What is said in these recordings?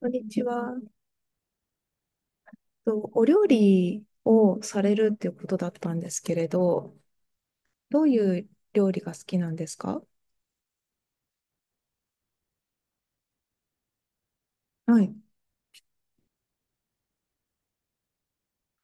こんにちは。お料理をされるっていうことだったんですけれど、どういう料理が好きなんですか？はい。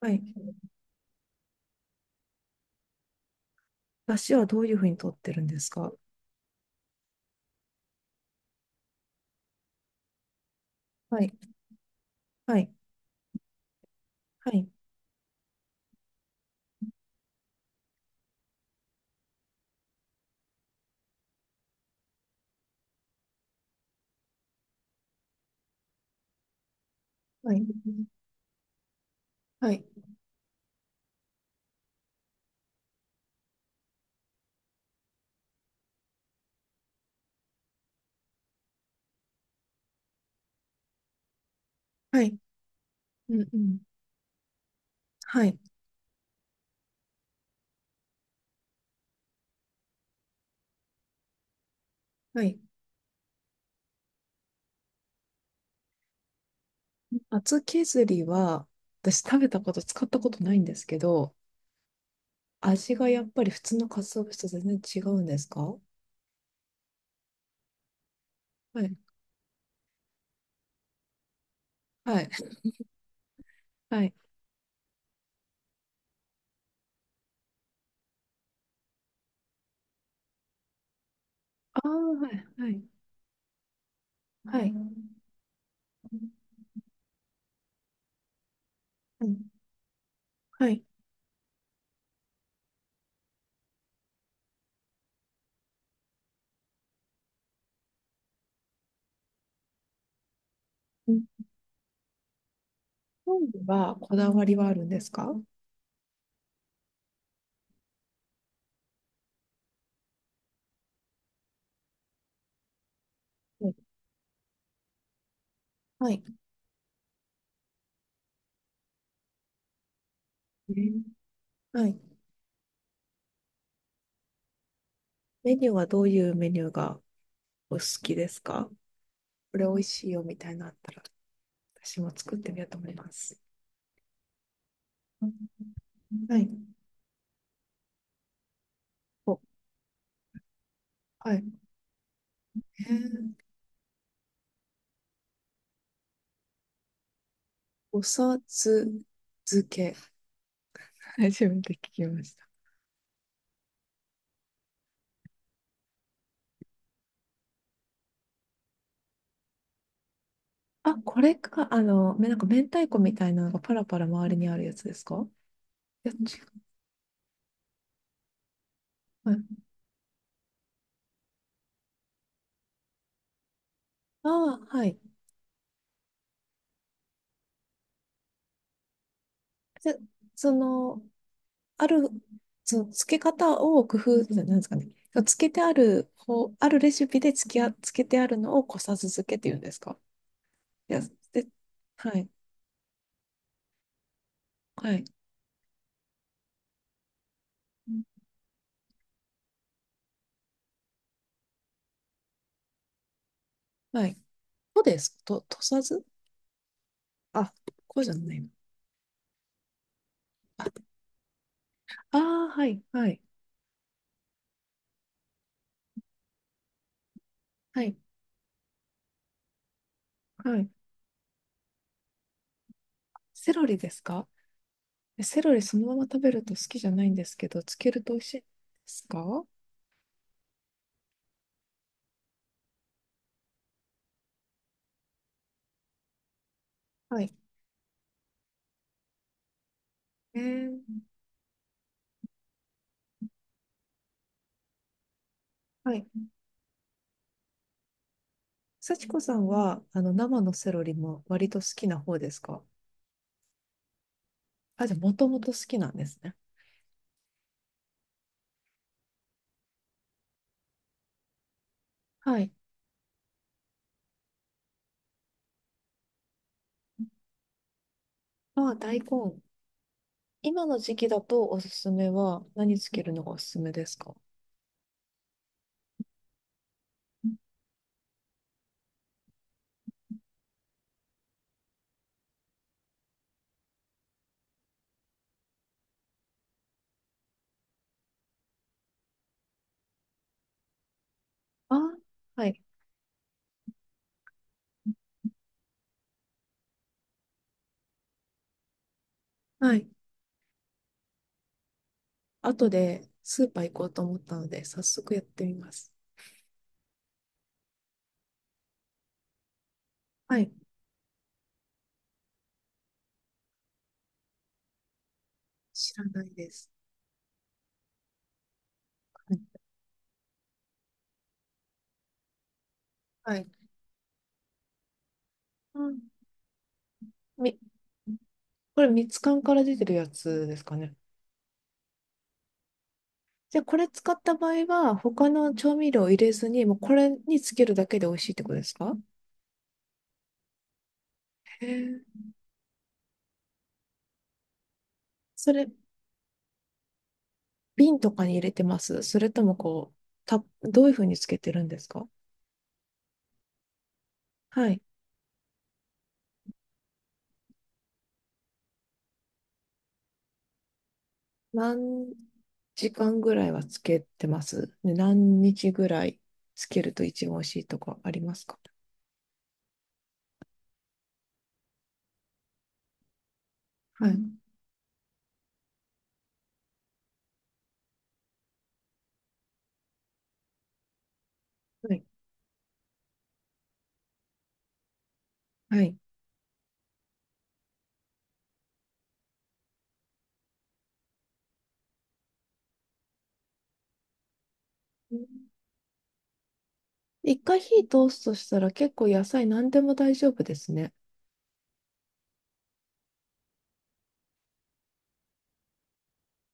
はい。出汁はどういうふうに取ってるんですか？はい。はい。はい。はい。はい。はい。うんうん。はい。はい。厚削りは、私食べたこと、使ったことないんですけど、味がやっぱり普通の鰹節と全然違うんですか？はい。はい。はい。ああ、はい。はい。はい。はい。はい。料理はこだわりはあるんですか？はい。はい。うん。はい。メニューはどういうメニューがお好きですか？これ美味しいよみたいなのあったら、私も作ってみようと思います。うん。はい。お、はい。えー、おさつ漬け。初めて聞きました。あ、これか、めなんか明太子みたいなのがパラパラ周りにあるやつですか？いや、違う。はい、ああ、はい。で、その、ある、その付け方を工夫、なんですかね。つけてある方、あるレシピでつけてあるのをこさず漬けって言うんですか。いや、で、はい、はい、はい。そうです。とさず。あ、こうじゃないの。あ、あー、はい、はい、はい、はい。セロリですか？えセロリそのまま食べると好きじゃないんですけど、つけると美味しいですか？はい。えー、はい。幸子さんは、生のセロリも割と好きな方ですか？あ、じゃあ、もともと好きなんですね。はい。まあ、大根。今の時期だとおすすめは、何つけるのがおすすめですか？うん。あ、はい。はい。後でスーパー行こうと思ったので、早速やってみます。はい。知らないです。はい。はい。うん。み、これ蜜缶から出てるやつですかね。じゃあ、これ使った場合は、他の調味料を入れずに、もうこれにつけるだけで美味しいってことですか？へえ。それ、瓶とかに入れてます？それともこう、た、どういうふうにつけてるんですか？はい。何時間ぐらいはつけてます？で何日ぐらいつけると一番美味しいとかありますか？はい。はい。はい。一回火通すとしたら結構野菜何でも大丈夫ですね。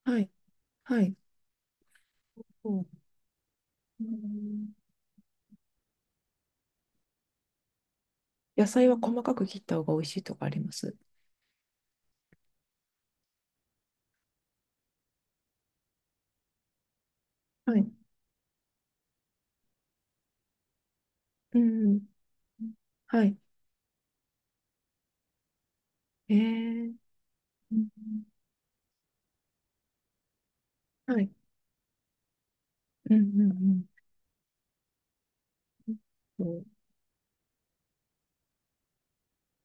はい。はい。うんうん。野菜は細かく切った方が美味しいとかあります。はい。うん。はい。えー、うん。はい。うんうんうん。そう。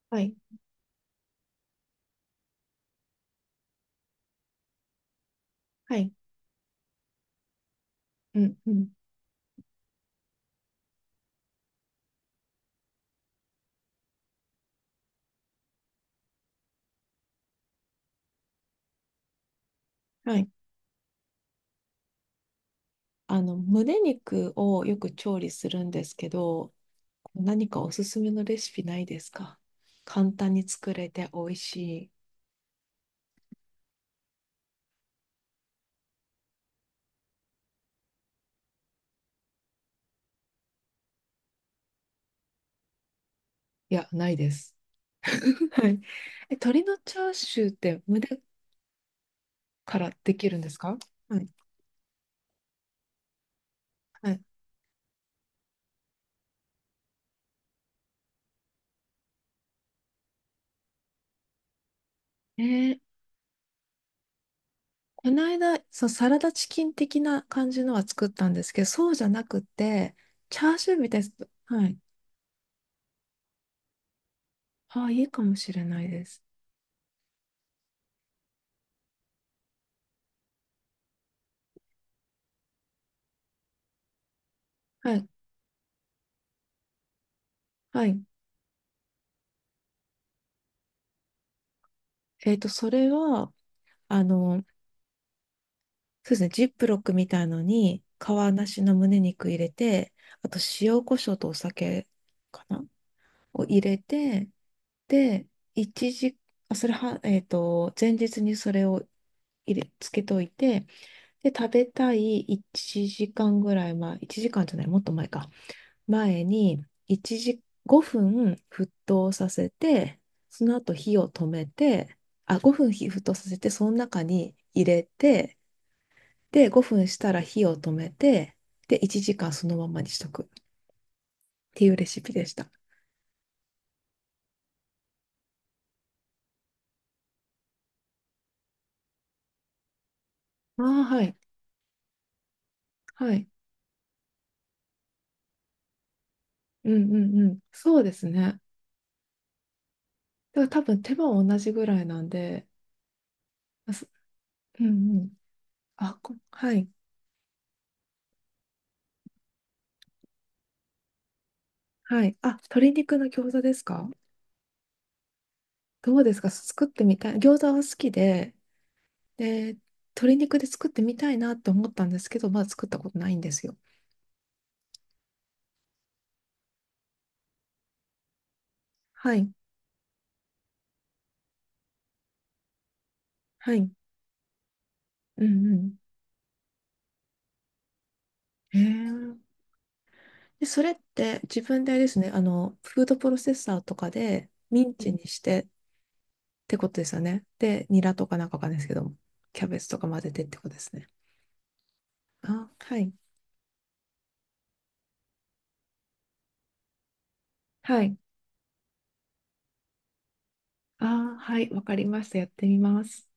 はい。はい。うんうん。はい。胸肉をよく調理するんですけど、何かおすすめのレシピないですか？簡単に作れて美味しい。いや、ないです。はい。え、鶏のチャーシューって胸からできるんですか？はい。はい。えー。この間、そう、サラダチキン的な感じのは作ったんですけど、そうじゃなくて、チャーシューみたいな。はい。ああ、いいかもしれないです。はい。はい。えっと、それは、あの、そうですね、ジップロックみたいのに、皮なしの胸肉入れて、あと塩コショウとお酒かなを入れて、で、一時、あ、それは、前日にそれをつけといて、で、食べたい1時間ぐらい前、1時間じゃない、もっと前か。前に、一時、5分沸騰させて、その後火を止めて、あ、5分火沸騰させて、その中に入れて、で、5分したら火を止めて、で、1時間そのままにしとくっていうレシピでした。ああ、はい。はい。うんうんうん。そうですね。だから多分手間は同じぐらいなんで、あす。うんうん。あ、こ、はい。はい。あ、鶏肉の餃子ですか？どうですか？作ってみたい。餃子は好きで、で、鶏肉で作ってみたいなって思ったんですけど、まだ作ったことないんですよ。はい。はい。うんうん。へえ。で、それって自分であれですね、フードプロセッサーとかでミンチにしてってことですよね。で、ニラとかなんかわかんないですけども、キャベツとか混ぜてってことですね。あ、はい。はい。あー、はい。わかりました。やってみます。